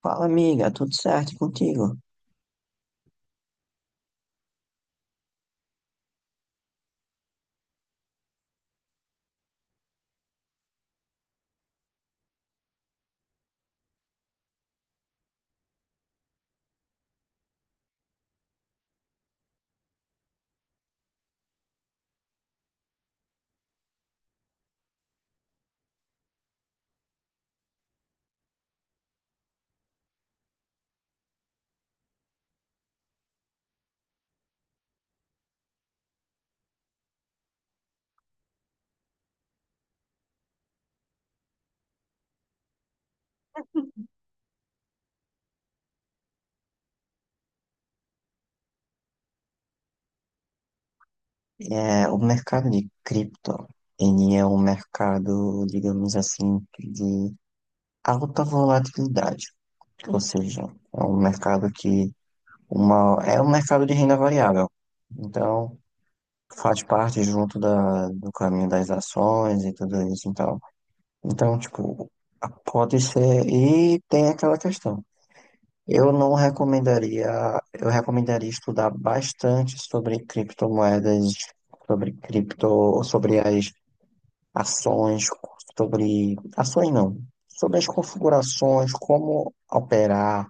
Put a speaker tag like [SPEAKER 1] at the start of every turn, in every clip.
[SPEAKER 1] Fala, amiga, tudo certo contigo? É, o mercado de cripto, ele é um mercado, digamos assim, de alta volatilidade, ou seja, é um mercado que é um mercado de renda variável. Então, faz parte junto do caminho das ações e tudo isso, então. Então, tipo, pode ser, e tem aquela questão. Eu não recomendaria, eu recomendaria estudar bastante sobre criptomoedas, sobre cripto, sobre as ações, sobre ações não, sobre as configurações, como operar,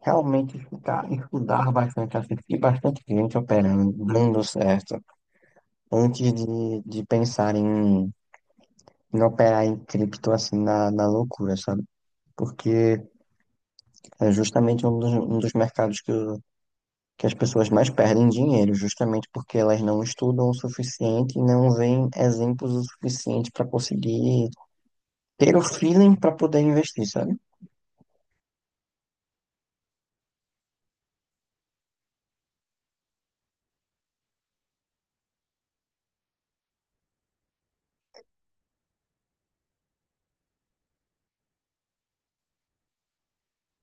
[SPEAKER 1] realmente ficar, estudar bastante, assistir bastante gente operando, dando certo, antes de pensar em operar em cripto assim na loucura, sabe? Porque é justamente um dos mercados que as pessoas mais perdem dinheiro, justamente porque elas não estudam o suficiente e não veem exemplos o suficiente para conseguir ter o feeling para poder investir, sabe?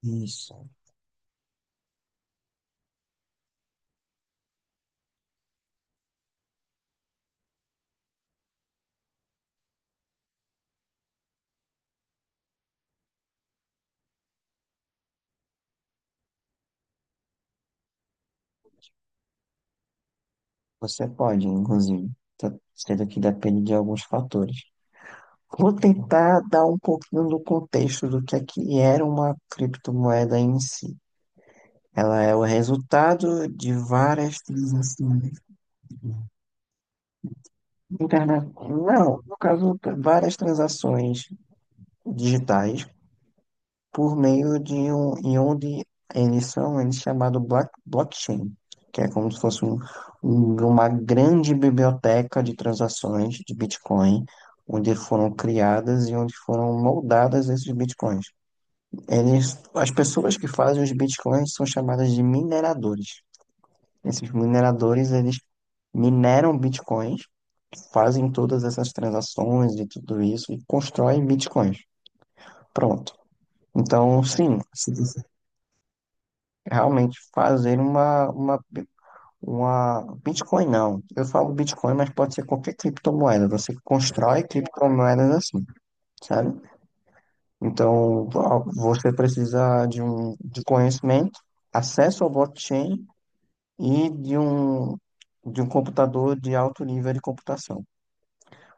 [SPEAKER 1] Isso. Você pode, inclusive, sendo que depende de alguns fatores. Vou tentar dar um pouquinho do contexto do que é que era uma criptomoeda em si. Ela é o resultado de várias transações. Internet. Não, no caso, várias transações digitais por meio de um ion de emissão, ele é chamado blockchain, que é como se fosse uma grande biblioteca de transações de Bitcoin, onde foram criadas e onde foram moldadas esses Bitcoins. Eles, as pessoas que fazem os Bitcoins são chamadas de mineradores. Esses mineradores, eles mineram Bitcoins, fazem todas essas transações e tudo isso e constroem Bitcoins. Pronto. Então, sim, realmente fazer uma Bitcoin, não. Eu falo Bitcoin, mas pode ser qualquer criptomoeda. Você constrói criptomoedas assim, sabe? Então, ah, você precisa de conhecimento, acesso ao blockchain e de um computador de alto nível de computação.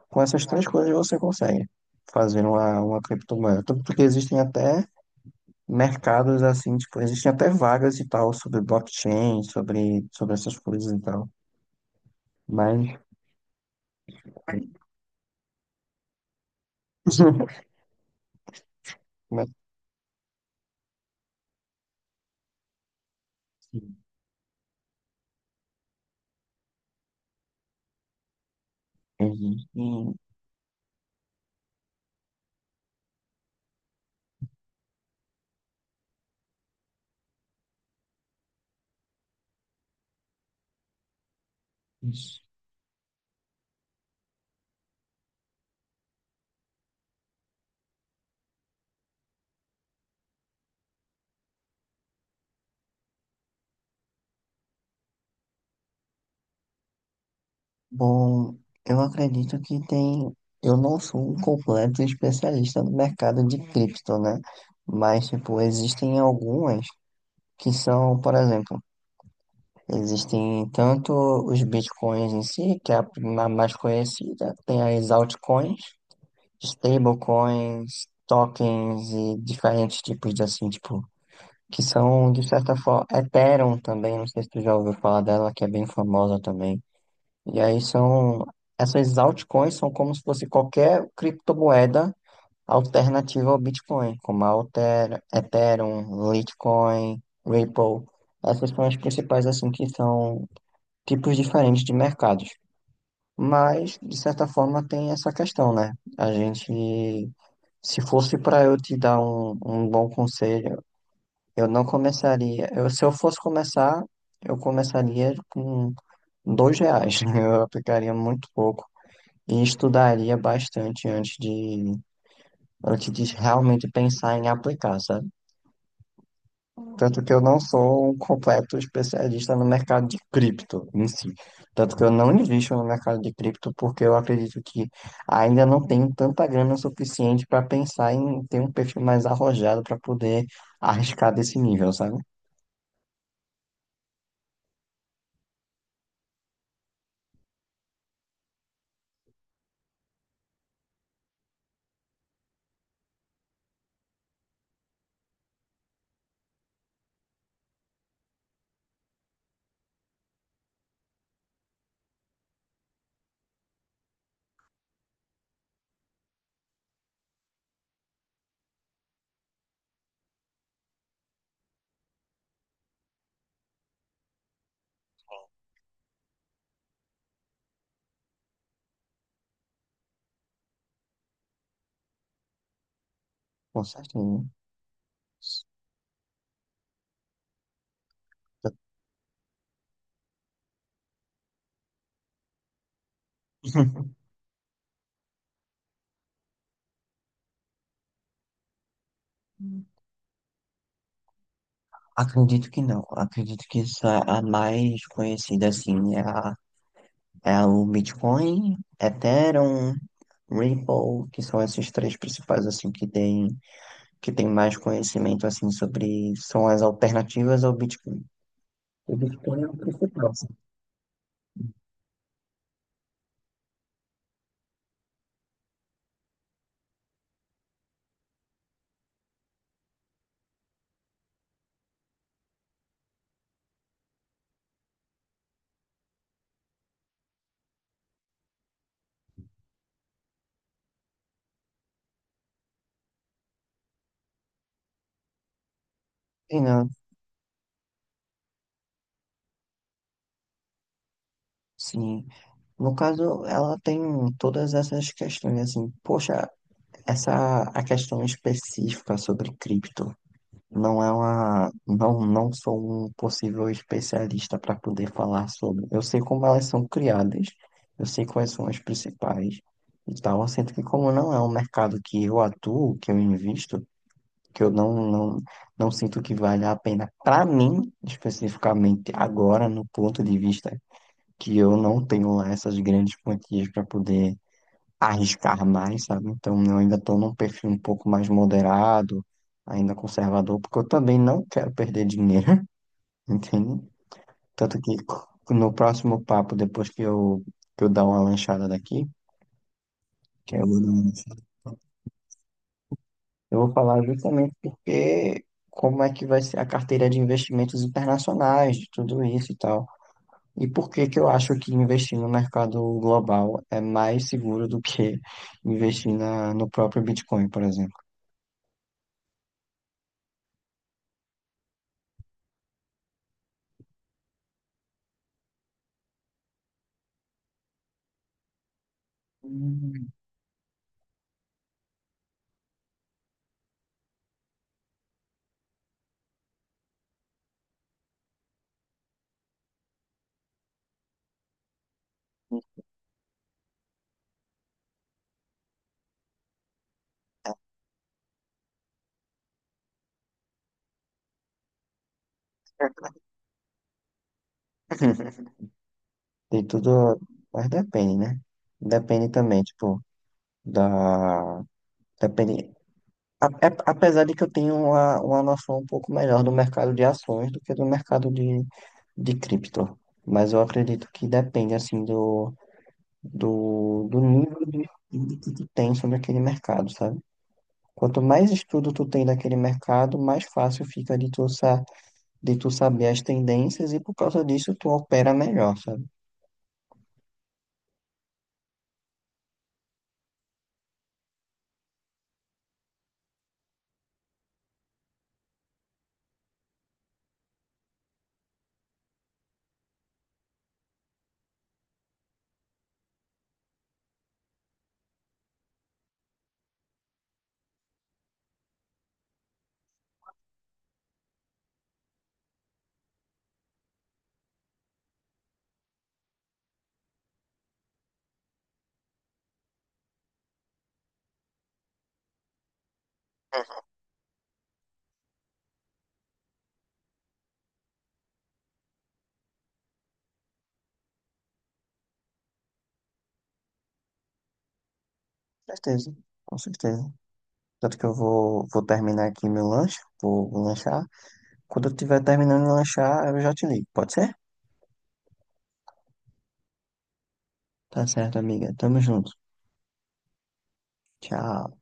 [SPEAKER 1] Com essas três coisas você consegue fazer uma criptomoeda. Tanto que existem até mercados assim, tipo, existem até vagas e tal sobre blockchain, sobre, sobre essas coisas e tal. Mas, mas existem. Bom, eu acredito que tem. Eu não sou um completo especialista no mercado de cripto, né? Mas, tipo, existem algumas que são, por exemplo, existem tanto os bitcoins em si, que é a na mais conhecida, tem as altcoins, Stablecoins, tokens e diferentes tipos de assim, tipo, que são de certa forma. Ethereum também, não sei se tu já ouviu falar dela, que é bem famosa também. E aí são. Essas altcoins são como se fosse qualquer criptomoeda alternativa ao Bitcoin, como a Alter, Ethereum, Litecoin, Ripple. Essas são as principais, assim, que são tipos diferentes de mercados. Mas, de certa forma, tem essa questão, né? A gente, se fosse para eu te dar um bom conselho, eu não começaria. Eu, se eu fosse começar, eu começaria com R$ 2. Eu aplicaria muito pouco e estudaria bastante antes de, realmente pensar em aplicar, sabe? Tanto que eu não sou um completo especialista no mercado de cripto em si. Tanto que eu não invisto no mercado de cripto porque eu acredito que ainda não tenho tanta grana suficiente para pensar em ter um perfil mais arrojado para poder arriscar desse nível, sabe? Com certeza. Acredito que não. Acredito que essa, a mais conhecida assim é o Bitcoin, Ethereum, Ripple, que são esses três principais assim que tem mais conhecimento assim sobre são as alternativas ao Bitcoin. O Bitcoin é o principal, assim. Sim, não. Sim. No caso, ela tem todas essas questões assim. Poxa, essa a questão específica sobre cripto. Não é uma, não, não sou um possível especialista para poder falar sobre. Eu sei como elas são criadas, eu sei quais são as principais e tal, sendo que como não é um mercado que eu atuo, que eu invisto, que eu não sinto que vale a pena para mim, especificamente agora, no ponto de vista que eu não tenho lá essas grandes quantias para poder arriscar mais, sabe? Então eu ainda estou num perfil um pouco mais moderado, ainda conservador, porque eu também não quero perder dinheiro, entende? Tanto que no próximo papo, depois que eu dar uma lanchada daqui, que eu vou dar uma. Eu vou falar justamente porque como é que vai ser a carteira de investimentos internacionais, de tudo isso e tal. E por que que eu acho que investir no mercado global é mais seguro do que investir na, no próprio Bitcoin, por exemplo. Hum. Tem tudo, mas depende, né? Depende também, tipo, da. Depende. Apesar de que eu tenho uma noção um pouco melhor do mercado de ações do que do mercado de cripto, mas eu acredito que depende assim do, do nível de estudo que tu tem sobre aquele mercado, sabe? Quanto mais estudo tu tem daquele mercado, mais fácil fica de tu saber as tendências e por causa disso tu opera melhor, sabe? Com certeza, com certeza. Tanto que eu vou terminar aqui meu lanche, vou lanchar. Quando eu estiver terminando de lanchar, eu já te ligo, pode ser? Tá certo, amiga. Tamo junto. Tchau.